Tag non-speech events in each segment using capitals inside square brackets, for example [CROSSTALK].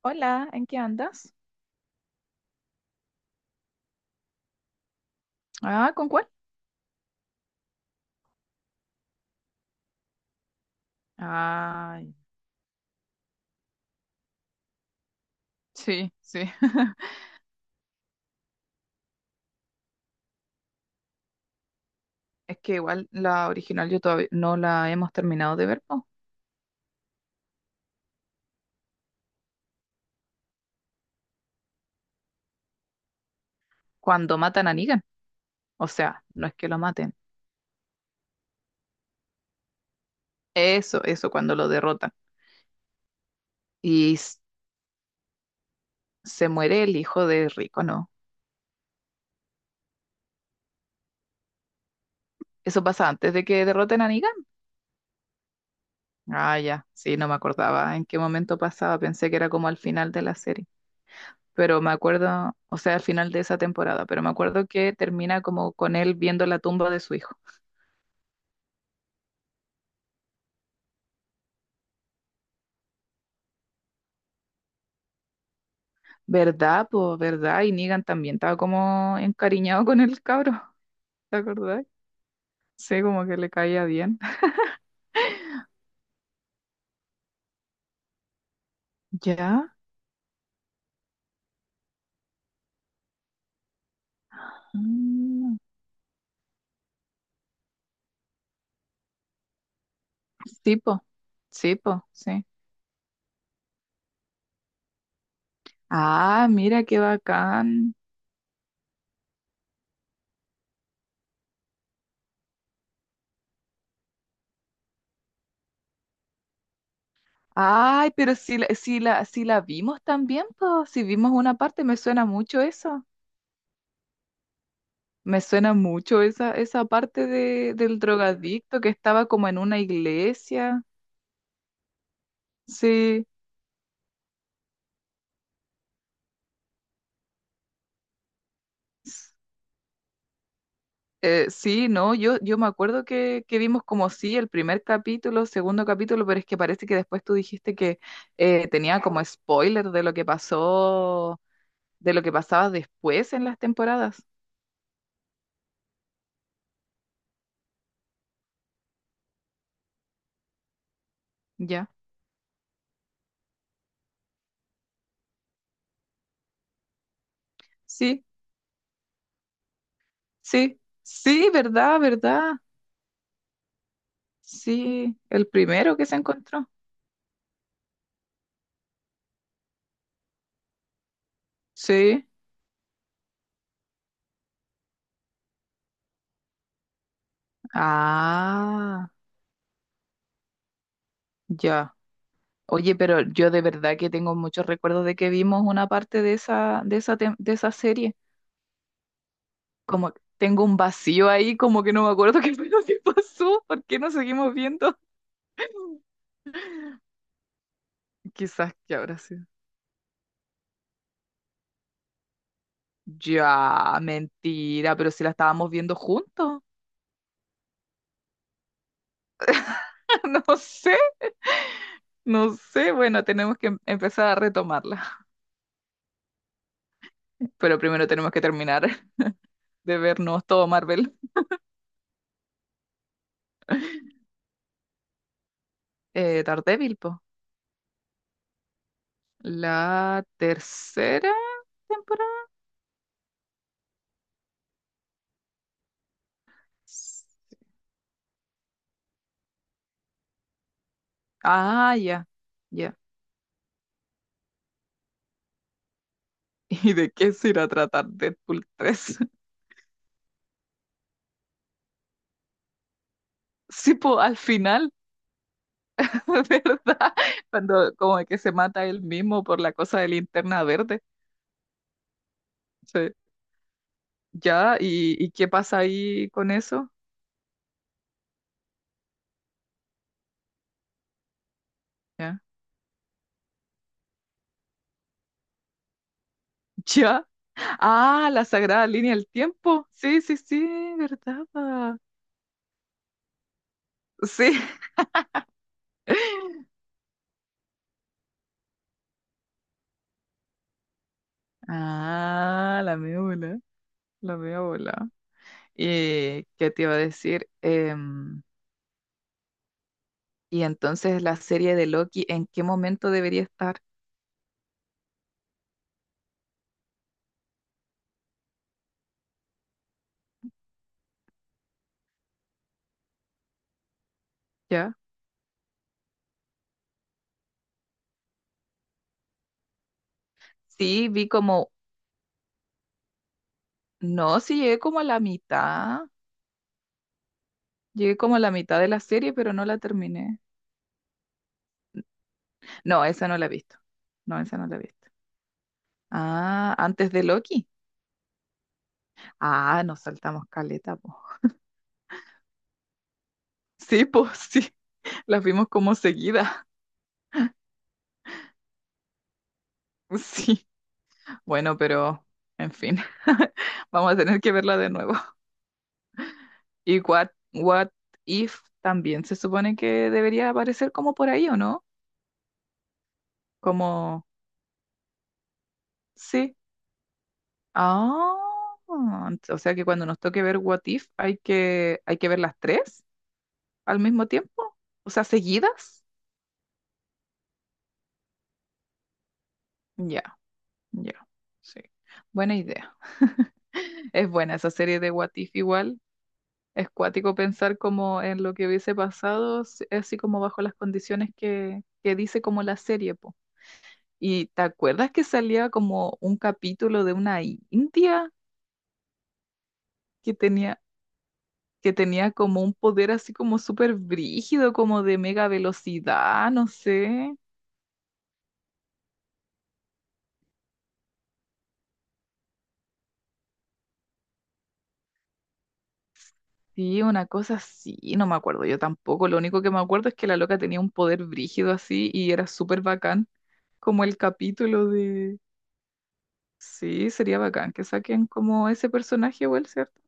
Hola, ¿en qué andas? Ah, ¿con cuál? Ay, sí, sí. [LAUGHS] Es que igual la original yo todavía no la hemos terminado de ver, po. Cuando matan a Negan. O sea, no es que lo maten. Eso, cuando lo derrotan. Y s- Se muere el hijo de Rico, ¿no? Eso pasa antes de que derroten a Negan. Ah, ya, sí, no me acordaba en qué momento pasaba. Pensé que era como al final de la serie. Pero me acuerdo, o sea, al final de esa temporada, pero me acuerdo que termina como con él viendo la tumba de su hijo. ¿Verdad, pues, verdad? Y Negan también estaba como encariñado con el cabro. [LAUGHS] ¿Te acordás? Sí, como que le caía bien. ¿Ya? Mm, sí, po, sí, po, sí. Ah, mira qué bacán. Ay, pero si la, si la, si la vimos también, pues, si vimos una parte, me suena mucho eso. Me suena mucho esa, esa parte de, del drogadicto que estaba como en una iglesia. Sí. Sí, no, yo me acuerdo que vimos como sí el primer capítulo, segundo capítulo, pero es que parece que después tú dijiste que tenía como spoiler de lo que pasó, de lo que pasaba después en las temporadas. Ya. Sí, sí, sí, verdad, verdad. Sí, el primero que se encontró. Sí. Ah, ya. Oye, pero yo de verdad que tengo muchos recuerdos de que vimos una parte de esa, de esa, de esa serie. Como que tengo un vacío ahí, como que no me acuerdo [LAUGHS] qué fue lo que pasó, ¿por qué nos seguimos viendo? [LAUGHS] Quizás que habrá sido. Ya, mentira, pero si la estábamos viendo juntos. [LAUGHS] No sé, no sé. Bueno, tenemos que empezar a retomarla. [LAUGHS] Pero primero tenemos que terminar [LAUGHS] de vernos todo Marvel. Daredevil, po. La tercera temporada. S- Ah, ya, ya. [LAUGHS] ¿Y de qué se irá a tratar Deadpool tres? [LAUGHS] Sí, po, al final. [LAUGHS] ¿Verdad? Cuando como que se mata él mismo por la cosa de linterna verde. Sí. Ya, ¿y qué pasa ahí con eso? Ya. [LAUGHS] Ya. Ah, la sagrada línea del tiempo. Sí, sí, sí, ¿verdad? Sí. [LAUGHS] Ah, la media bola, la media bola. ¿Y qué te iba a decir? Em, y entonces la serie de Loki, ¿en qué momento debería estar? ¿Ya? Sí, vi como, no, sí llegué como a la mitad. Llegué como a la mitad de la serie, pero no la terminé. No, esa no la he visto. No, esa no la he visto. Ah, antes de Loki. Ah, nos saltamos caleta, po. Sí, pues sí. [LAUGHS] Las vimos como seguida. [LAUGHS] Sí. Bueno, pero en fin. [LAUGHS] Vamos a tener que verla de nuevo. [LAUGHS] Y What, What If también se supone que debería aparecer como por ahí, ¿o no? Como, sí. Ah, o sea que cuando nos toque ver What If hay que ver las tres. Al mismo tiempo, o sea, seguidas. Ya, ya, sí. Buena idea. [LAUGHS] Es buena esa serie de What If igual. Es cuático pensar como en lo que hubiese pasado, así como bajo las condiciones que dice como la serie, po. ¿Y te acuerdas que salía como un capítulo de una india que tenía, que tenía como un poder así como súper brígido, como de mega velocidad, no sé? Sí, una cosa así, no me acuerdo yo tampoco. Lo único que me acuerdo es que la loca tenía un poder brígido así y era súper bacán, como el capítulo de... Sí, sería bacán que saquen como ese personaje igual, ¿cierto?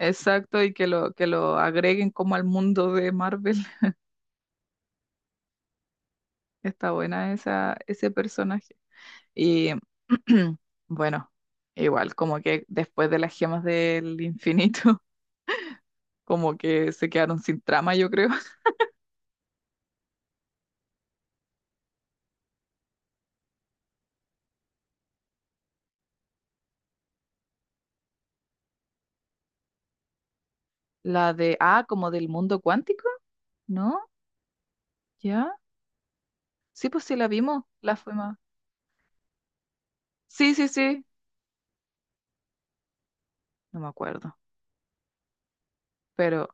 Exacto, y que lo agreguen como al mundo de Marvel. [LAUGHS] Está buena esa, ese personaje. Y [CLEARS THROAT] bueno, igual, como que después de las gemas del infinito, [LAUGHS] como que se quedaron sin trama, yo creo. La de, ah, como del mundo cuántico, ¿no? ¿Ya? Sí, pues sí la vimos, la fuimos. Sí, sí, sí. No me acuerdo. Pero.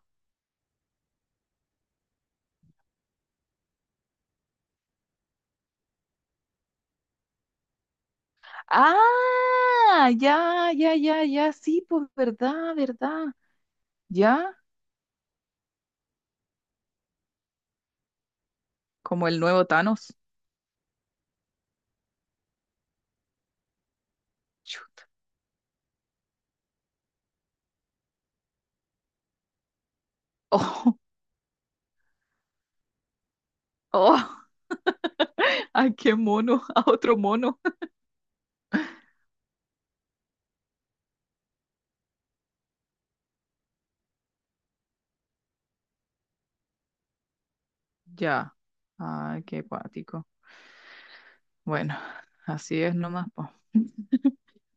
¡Ah! Ya, ya, ya, ya. Sí, pues verdad, verdad. Ya. Como el nuevo Thanos. Chu. [LAUGHS] Oh, oh. Ay, qué mono. [LAUGHS] A otro mono. Ya. Ay, qué cuático. Bueno, así es nomás, po.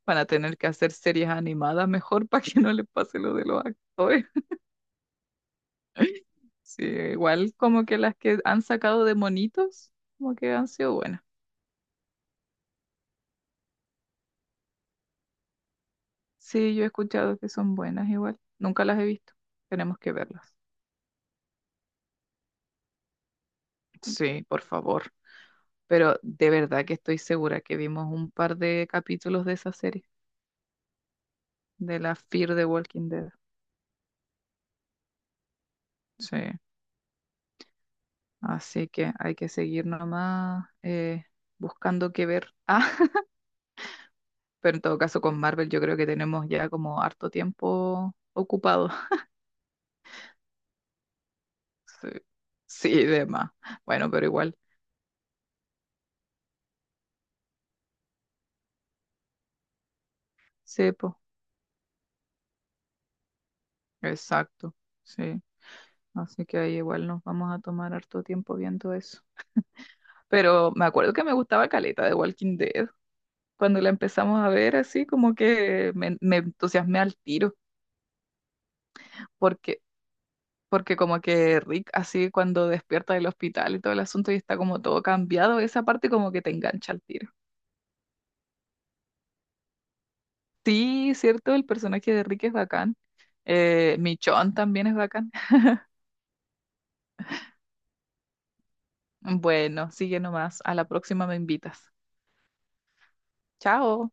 Van a tener que hacer series animadas mejor para que no les pase lo de los actores. [LAUGHS] Sí, igual como que las que han sacado de monitos, como que han sido buenas. Sí, yo he escuchado que son buenas igual. Nunca las he visto. Tenemos que verlas. Sí, por favor. Pero de verdad que estoy segura que vimos un par de capítulos de esa serie, de la Fear the Walking Dead. Sí, así que hay que seguir nomás, buscando qué ver. Ah, [LAUGHS] pero en todo caso con Marvel yo creo que tenemos ya como harto tiempo ocupado. [LAUGHS] Sí, sí, de más. Bueno, pero igual. Sí, pues, exacto, sí. Así que ahí igual nos vamos a tomar harto tiempo viendo eso. Pero me acuerdo que me gustaba caleta de Walking Dead. Cuando la empezamos a ver así, como que me entusiasmé al tiro, porque, porque como que Rick así cuando despierta del hospital y todo el asunto y está como todo cambiado, esa parte como que te engancha al tiro. Sí, cierto, el personaje de Rick es bacán. Michonne también es bacán. [LAUGHS] Bueno, sigue nomás. A la próxima me invitas. Chao.